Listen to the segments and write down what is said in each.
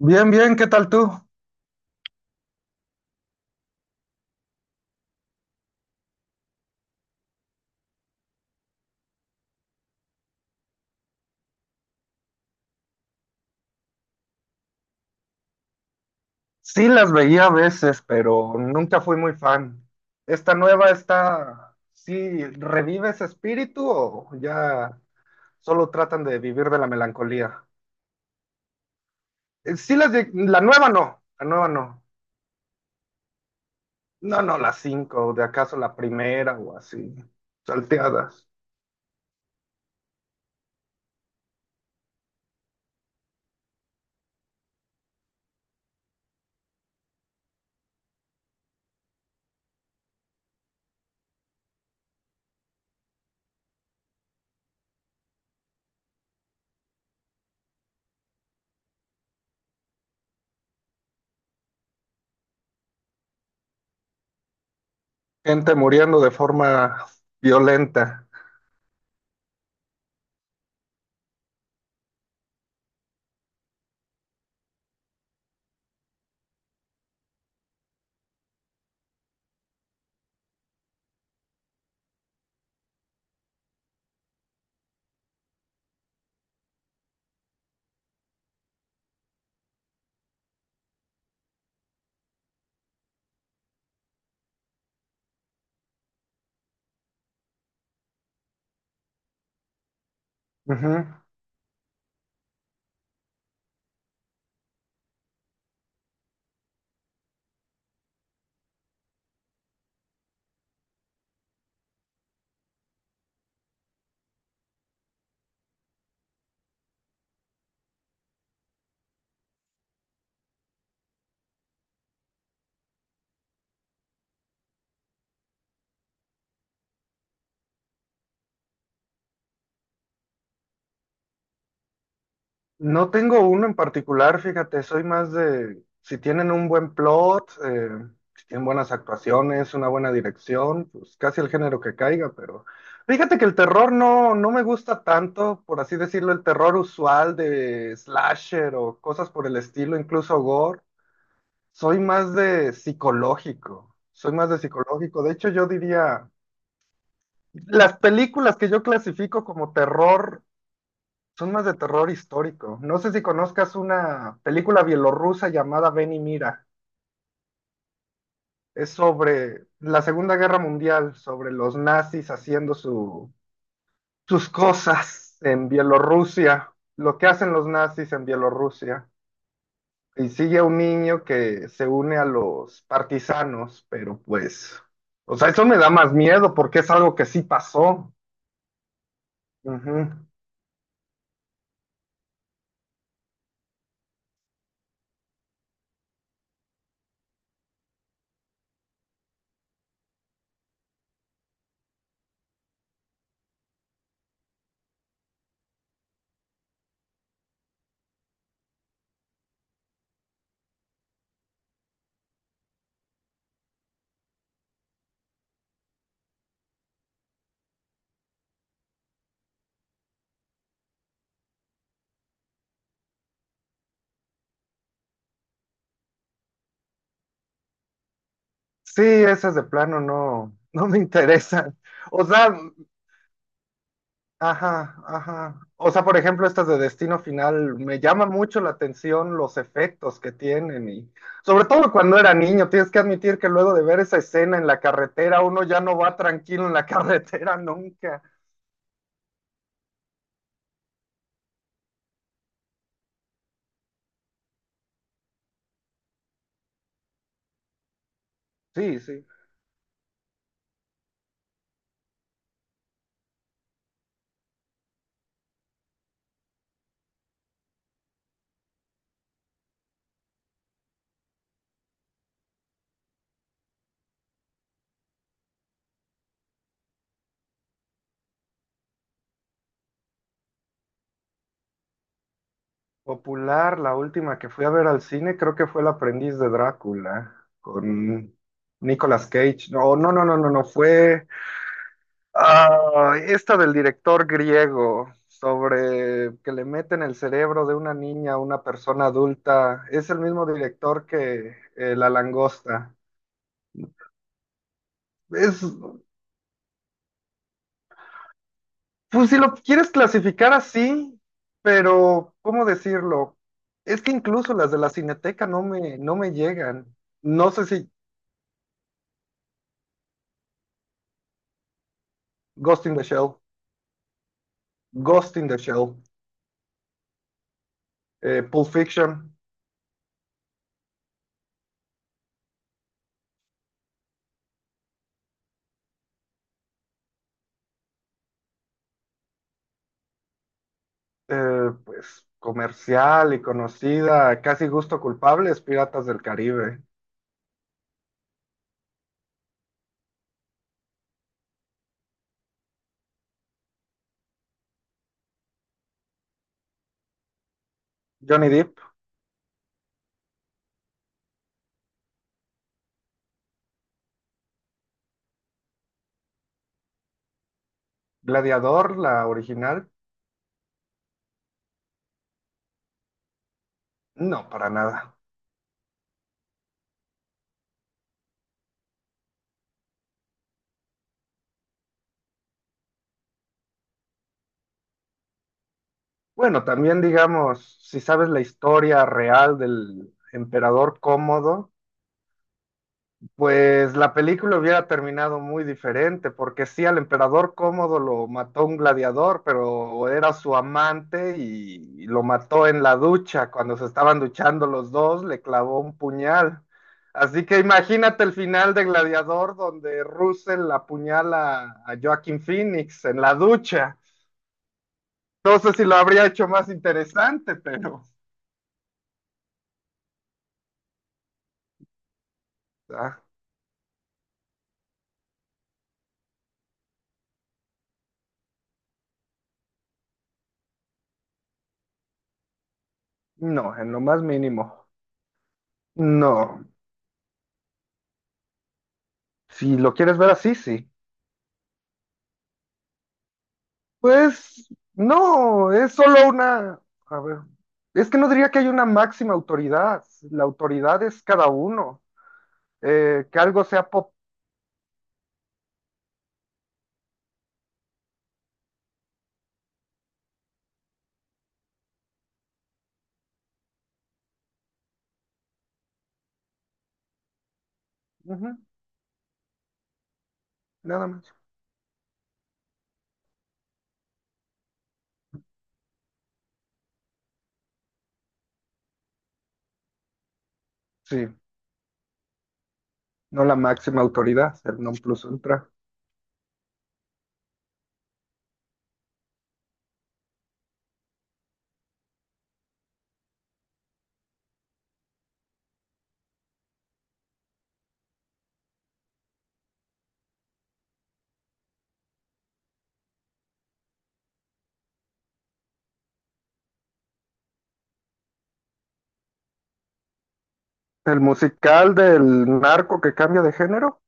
Bien, bien, ¿qué tal tú? Sí, las veía a veces, pero nunca fui muy fan. ¿Esta nueva está, sí, revive ese espíritu o ya solo tratan de vivir de la melancolía? Sí, la nueva no, la nueva no. No, no, las cinco, de acaso la primera o así, salteadas. Gente muriendo de forma violenta. Ujú. No tengo uno en particular, fíjate, soy más de si tienen un buen plot, si tienen buenas actuaciones, una buena dirección, pues casi el género que caiga, pero fíjate que el terror no, no me gusta tanto, por así decirlo, el terror usual de slasher o cosas por el estilo, incluso gore. Soy más de psicológico, soy más de psicológico. De hecho, yo diría, las películas que yo clasifico como terror. Son más de terror histórico. No sé si conozcas una película bielorrusa llamada Ven y mira. Es sobre la Segunda Guerra Mundial, sobre los nazis haciendo sus cosas en Bielorrusia, lo que hacen los nazis en Bielorrusia. Y sigue a un niño que se une a los partisanos, pero pues, o sea, eso me da más miedo porque es algo que sí pasó. Ujú. Sí, esas de plano no, no me interesan. O sea, ajá, ajá. O sea, por ejemplo, estas de Destino Final, me llama mucho la atención los efectos que tienen y sobre todo cuando era niño, tienes que admitir que luego de ver esa escena en la carretera, uno ya no va tranquilo en la carretera nunca. Sí, sí. Popular, la última que fui a ver al cine, creo que fue El aprendiz de Drácula con Nicolas Cage. No, no, no, no, no, no, fue, ah, esta del director griego sobre que le meten el cerebro de una niña a una persona adulta, es el mismo director que La Langosta. Es, pues si lo quieres clasificar así, pero ¿cómo decirlo? Es que incluso las de la Cineteca no me, no me llegan. No sé si Ghost in the Shell, Ghost in the Shell, Pulp Fiction. Pues comercial y conocida, casi gusto culpable, es Piratas del Caribe. Johnny Depp, Gladiador, la original, no, para nada. Bueno, también digamos, si sabes la historia real del emperador Cómodo, pues la película hubiera terminado muy diferente, porque sí, al emperador Cómodo lo mató un gladiador, pero era su amante y lo mató en la ducha. Cuando se estaban duchando los dos, le clavó un puñal. Así que imagínate el final de Gladiador, donde Russell apuñala a Joaquin Phoenix en la ducha. No sé si lo habría hecho más interesante, pero ah, no, en lo más mínimo. No, si lo quieres ver así, sí. Pues no, es solo una, a ver, es que no diría que hay una máxima autoridad, la autoridad es cada uno. Que algo sea pop, ujú, nada más. Sí, no la máxima autoridad, el non plus ultra. El musical del narco que cambia de género,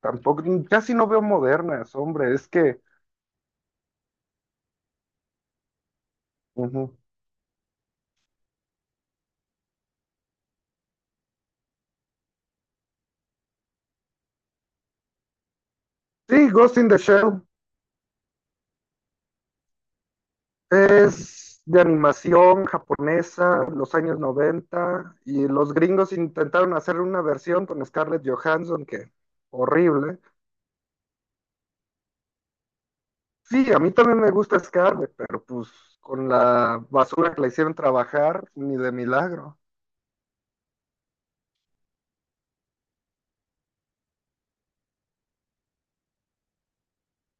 tampoco, casi no veo modernas, hombre, es que, ujú. Sí, Ghost in the Shell, es de animación japonesa, los años 90 y los gringos intentaron hacer una versión con Scarlett Johansson, que horrible. Sí, a mí también me gusta Scarlett, pero pues con la basura que la hicieron trabajar, ni de milagro.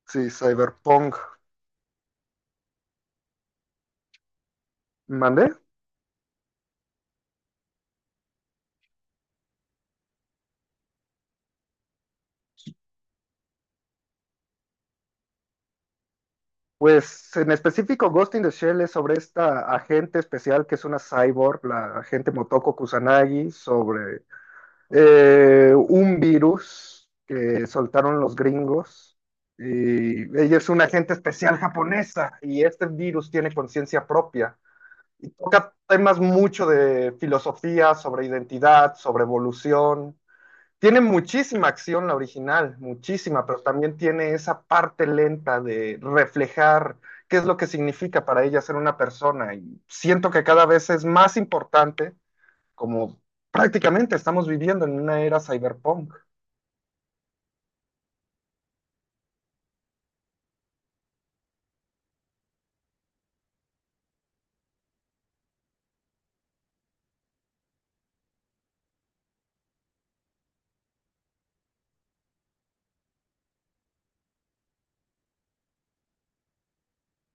Sí, cyberpunk. ¿Mandé? Pues en específico, Ghost in the Shell es sobre esta agente especial que es una cyborg, la agente Motoko Kusanagi, sobre un virus que soltaron los gringos. Y ella es una agente especial japonesa y este virus tiene conciencia propia. Y toca temas mucho de filosofía, sobre identidad, sobre evolución. Tiene muchísima acción la original, muchísima, pero también tiene esa parte lenta de reflejar qué es lo que significa para ella ser una persona. Y siento que cada vez es más importante como prácticamente estamos viviendo en una era cyberpunk.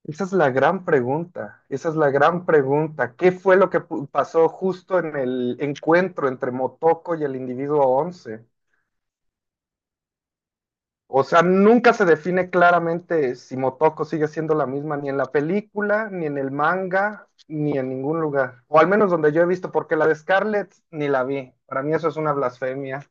Esa es la gran pregunta, esa es la gran pregunta. ¿Qué fue lo que pasó justo en el encuentro entre Motoko y el individuo 11? O sea, nunca se define claramente si Motoko sigue siendo la misma ni en la película, ni en el manga, ni en ningún lugar. O al menos donde yo he visto, porque la de Scarlett ni la vi. Para mí eso es una blasfemia.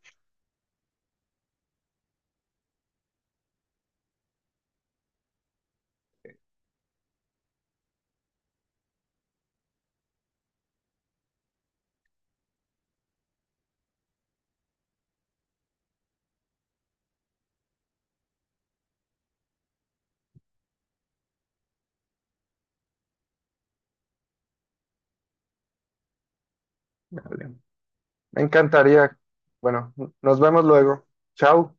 Vale. Me encantaría. Bueno, nos vemos luego. Chao.